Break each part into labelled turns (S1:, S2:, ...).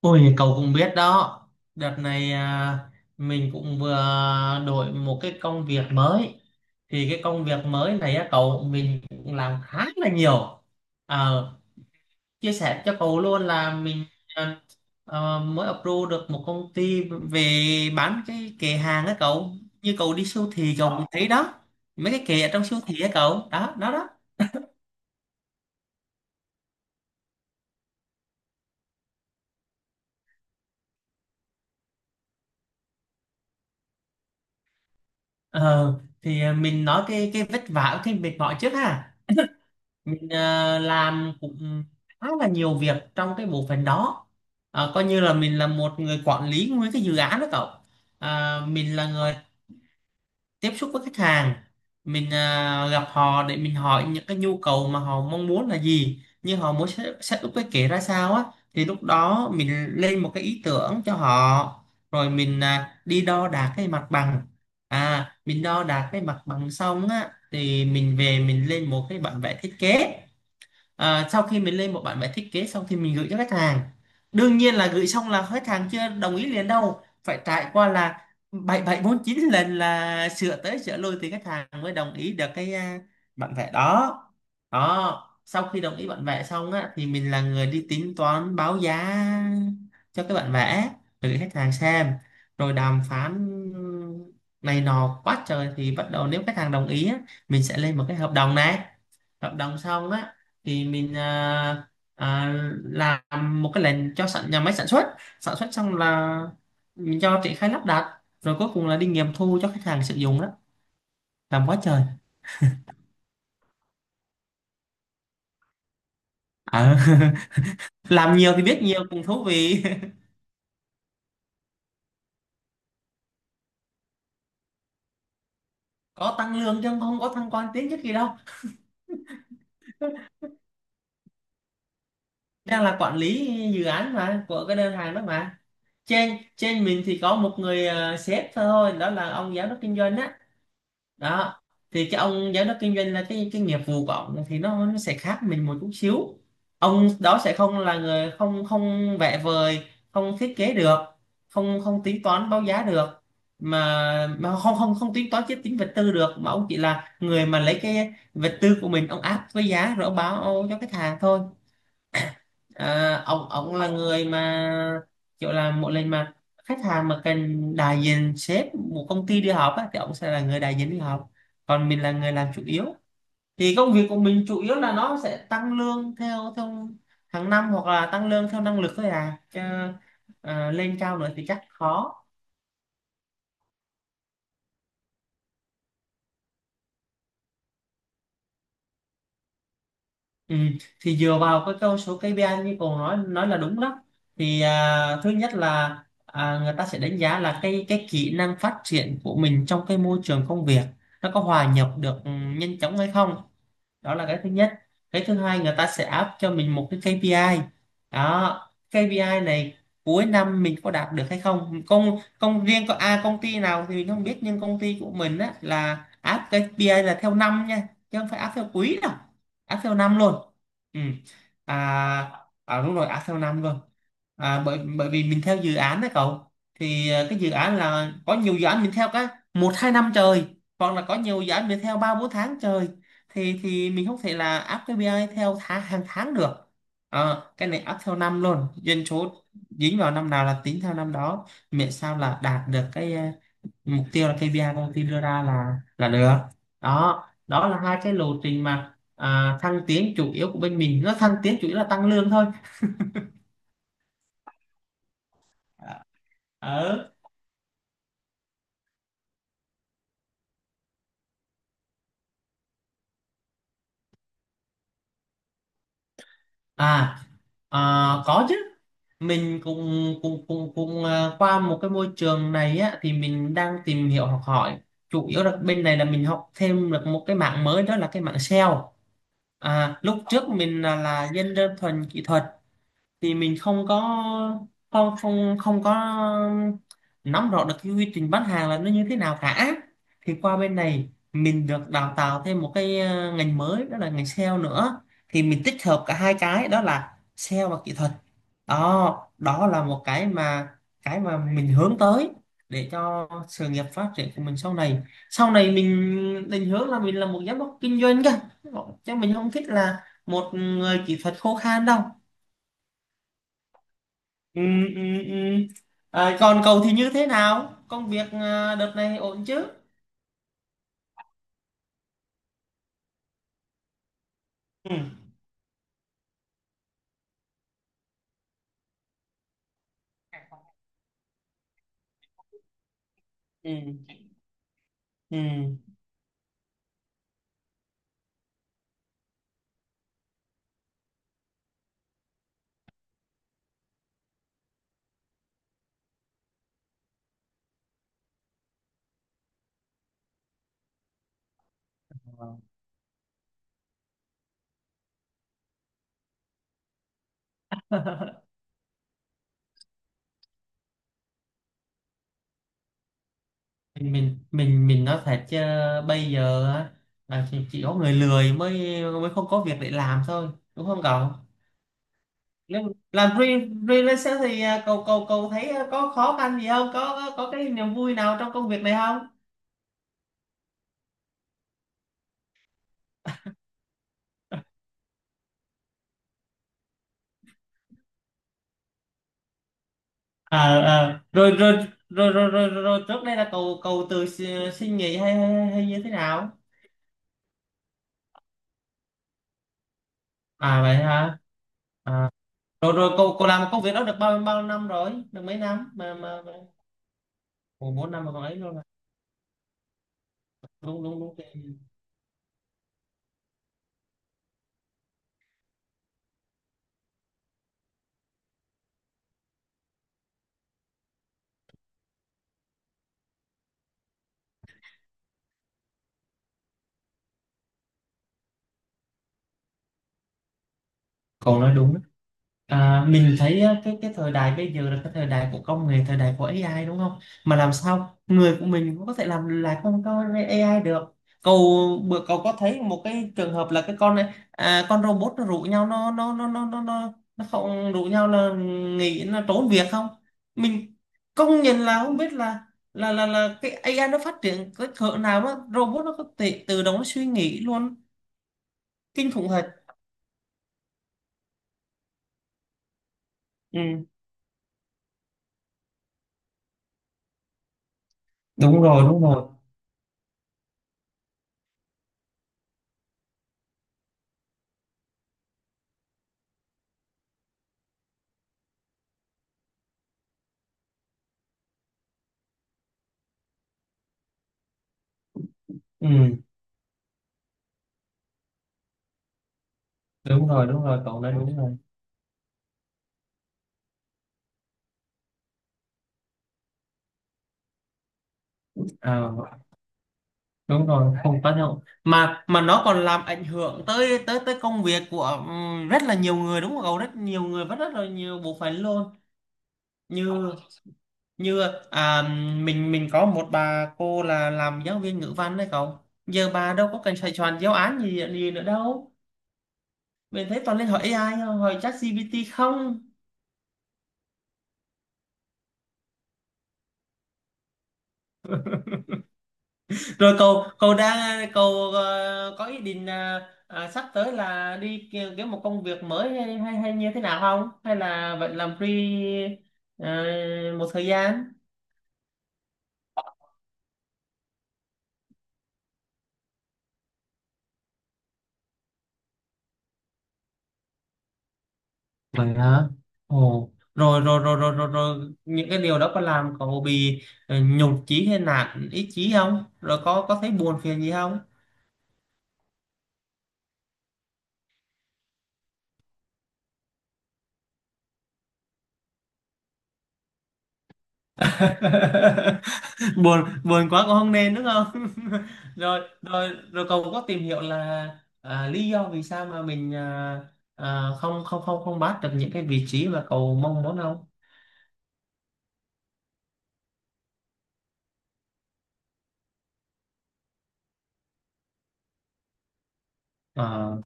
S1: Ôi, cậu cũng biết đó. Đợt này à, mình cũng vừa đổi một cái công việc mới. Thì cái công việc mới này á, cậu, mình cũng làm khá là nhiều. Ờ, Chia sẻ cho cậu luôn là mình à, mới approve được một công ty về bán cái kệ hàng á cậu. Như cậu đi siêu thị cậu cũng thấy đó. Mấy cái kệ ở trong siêu thị á cậu. Đó, đó đó. Ờ, Thì à, mình nói cái vất vả cái mệt mỏi trước ha. Mình làm cũng khá là nhiều việc trong cái bộ phận đó. Coi như là mình là một người quản lý nguyên cái dự án đó cậu. Mình là người tiếp xúc với khách hàng. Mình gặp họ để mình hỏi những cái nhu cầu mà họ mong muốn là gì, như họ muốn set up cái kế ra sao á. Thì lúc đó mình lên một cái ý tưởng cho họ, rồi mình đi đo đạc cái mặt bằng. Mình đo đạc cái mặt bằng xong á thì mình về mình lên một cái bản vẽ thiết kế. Sau khi mình lên một bản vẽ thiết kế xong thì mình gửi cho khách hàng. Đương nhiên là gửi xong là khách hàng chưa đồng ý liền đâu, phải trải qua là bảy bảy bốn chín lần là sửa tới sửa lui thì khách hàng mới đồng ý được cái bản vẽ đó. Đó, sau khi đồng ý bản vẽ xong á thì mình là người đi tính toán báo giá cho cái bản vẽ, rồi gửi khách hàng xem, rồi đàm phán này nọ quá trời, thì bắt đầu nếu khách hàng đồng ý á, mình sẽ lên một cái hợp đồng này. Hợp đồng xong á thì mình à, làm một cái lệnh cho sản nhà máy sản xuất. Sản xuất xong là mình cho triển khai lắp đặt, rồi cuối cùng là đi nghiệm thu cho khách hàng sử dụng đó. Làm quá trời. Ờ, làm nhiều thì biết nhiều cũng thú vị. Có tăng lương chứ không có thăng quan tiến chức gì đâu. Đang là quản lý dự án mà, của cái đơn hàng đó mà. Trên trên mình thì có một người sếp thôi, đó là ông giám đốc kinh doanh á, đó. Thì cái ông giám đốc kinh doanh là cái nghiệp vụ của ông, thì nó sẽ khác mình một chút xíu. Ông đó sẽ không là người, không không vẽ vời, không thiết kế được, không không tính toán báo giá được, mà mà không không không tính toán chiếc tính vật tư được, mà ông chỉ là người mà lấy cái vật tư của mình ông áp với giá rồi ông báo cho khách hàng thôi. À, ông là người mà kiểu là mỗi lần mà khách hàng mà cần đại diện sếp một công ty đi họp á, thì ông sẽ là người đại diện đi họp. Còn mình là người làm chủ yếu. Thì công việc của mình chủ yếu là nó sẽ tăng lương theo theo hàng năm, hoặc là tăng lương theo năng lực thôi à chứ. Lên cao nữa thì chắc khó. Ừ, thì dựa vào cái câu số KPI như cậu nói là đúng đó. Thì à, thứ nhất là người ta sẽ đánh giá là cái kỹ năng phát triển của mình trong cái môi trường công việc, nó có hòa nhập được nhanh chóng hay không. Đó là cái thứ nhất. Cái thứ hai, người ta sẽ áp cho mình một cái KPI. Đó, KPI này cuối năm mình có đạt được hay không, công công riêng có công ty nào thì mình không biết, nhưng công ty của mình á là áp KPI là theo năm nha, chứ không phải áp theo quý đâu. Áp theo năm luôn. Ừ. à, Đúng rồi, áp theo năm luôn. Bởi bởi vì mình theo dự án đó cậu. Thì à, cái dự án là có nhiều dự án mình theo cái 1-2 năm trời, hoặc là có nhiều dự án mình theo 3-4 tháng trời. Thì mình không thể là áp KPI theo tháng hàng tháng được. Ờ, cái này áp theo năm luôn. Doanh số dính vào năm nào là tính theo năm đó, miễn sao là đạt được cái mục tiêu là KPI công ty đưa ra là được. Đó, đó là hai cái lộ trình mà thăng tiến chủ yếu của bên mình, nó thăng tiến chủ yếu là tăng lương thôi. ờ ờ. à, À, có chứ. Mình cũng cũng cũng cũng à, qua một cái môi trường này á thì mình đang tìm hiểu học hỏi. Chủ yếu là bên này là mình học thêm được một cái mảng mới, đó là cái mảng SEO. Lúc trước mình là dân đơn thuần kỹ thuật. Thì mình không có, không không không có nắm rõ được cái quy trình bán hàng là nó như thế nào cả. Thì qua bên này mình được đào tạo thêm một cái ngành mới, đó là ngành sale nữa. Thì mình tích hợp cả hai cái đó là sale và kỹ thuật. Đó, đó là một cái mà mình hướng tới, để cho sự nghiệp phát triển của mình sau này. Sau này mình định hướng là mình là một giám đốc kinh doanh cơ, chứ mình không thích là một người kỹ thuật khô khan đâu. Ừ, ừ, ừ. À, còn cậu thì như thế nào? Công việc à, đợt này ổn chứ? Ừ, ừ, ừ. Mình nói thật chứ, bây giờ á, là chỉ có người lười mới mới không có việc để làm thôi. Đúng không cậu? Nếu làm freelancer freelancer thì à, cậu cậu cậu thấy có khó khăn gì không? Có cái niềm vui nào trong công việc này không? à, À, rồi, rồi rồi rồi rồi rồi rồi trước đây là cậu cậu tự xin xin nghỉ hay hay như thế nào? À vậy hả? à, Rồi rồi, cô làm công việc đó được bao bao năm rồi? Được mấy năm mà mà. Ủa, 4 năm mà còn ấy luôn à? Đúng đúng đúng. Còn nói đúng. À, mình thấy á, cái thời đại bây giờ là cái thời đại của công nghệ, thời đại của AI đúng không? Mà làm sao người của mình cũng có thể làm lại con có AI được. Cậu bữa cậu có thấy một cái trường hợp là cái con này à, con robot nó rủ nhau nó không rủ nhau là nghỉ, nó trốn việc không? Mình công nhận là không biết là cái AI nó phát triển cái cỡ nào, đó robot nó có thể tự động nó suy nghĩ luôn. Kinh khủng thật. Ừ, đúng rồi, đúng rồi. Ừ. Đúng rồi đúng rồi, cậu nói đúng rồi. à, Đúng rồi, không tác động mà nó còn làm ảnh hưởng tới tới tới công việc của rất là nhiều người đúng không cậu, rất nhiều người và rất là nhiều bộ phận luôn. Như như à, mình mình có một bà cô là làm giáo viên ngữ văn đấy cậu. Giờ bà đâu có cần xoay tròn giáo án gì gì nữa đâu, mình thấy toàn lên hỏi AI thôi, hỏi ChatGPT không. Rồi cậu cậu đang cậu có ý định là sắp tới là đi kiếm một công việc mới hay hay như thế nào không? Hay là vẫn làm ờ, một thời gian? Vậy hả? Ồ, rồi rồi rồi rồi rồi rồi, những cái điều đó có làm cậu bị nhụt chí hay nản ý chí không? Rồi có thấy buồn phiền gì không? buồn buồn quá cũng không nên, đúng không? Rồi rồi rồi, cậu có tìm hiểu là lý do vì sao mà mình không không không không bắt được những cái vị trí mà cậu mong muốn không? Ờ,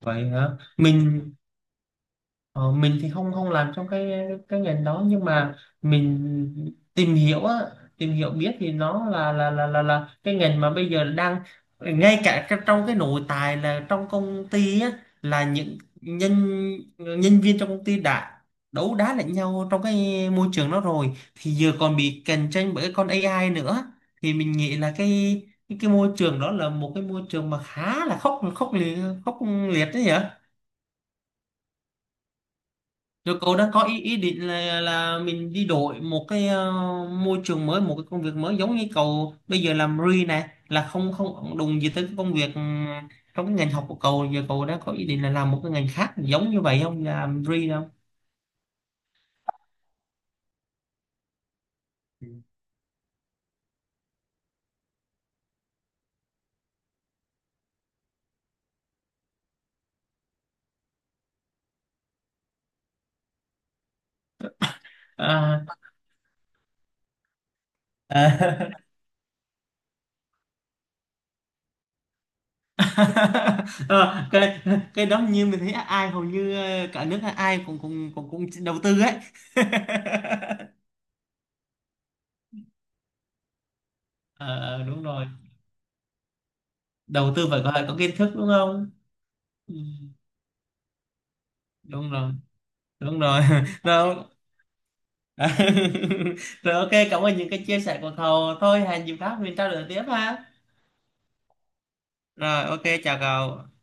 S1: vậy hả? mình Ờ, mình thì không không làm trong cái ngành đó, nhưng mà mình tìm hiểu á, tìm hiểu biết thì nó là cái ngành mà bây giờ đang, ngay cả trong cái nội tài là trong công ty á, là những nhân nhân viên trong công ty đã đấu đá lẫn nhau trong cái môi trường đó rồi, thì giờ còn bị cạnh tranh bởi con AI nữa. Thì mình nghĩ là cái môi trường đó là một cái môi trường mà khá là khốc khốc liệt đấy nhỉ. Rồi cậu đang có ý ý định là mình đi đổi một cái môi trường mới, một cái công việc mới, giống như cậu bây giờ làm re này, là không không đụng gì tới cái công việc trong cái ngành học của cậu. Giờ cậu đang có ý định là làm một cái ngành khác giống như vậy không, làm re không? À, À, Ờ, cái cái đó như mình thấy ai hầu như cả nước ai cũng cũng cũng cũng đầu tư ấy. Ờ, Đúng rồi, đầu tư phải có kiến thức đúng không? Ừ, đúng rồi. Đúng rồi. Rồi. À, rồi, ok, cảm ơn những cái chia sẻ của cậu. Thôi hẹn dịp khác mình trao đổi tiếp ha. Rồi, ok, chào cậu.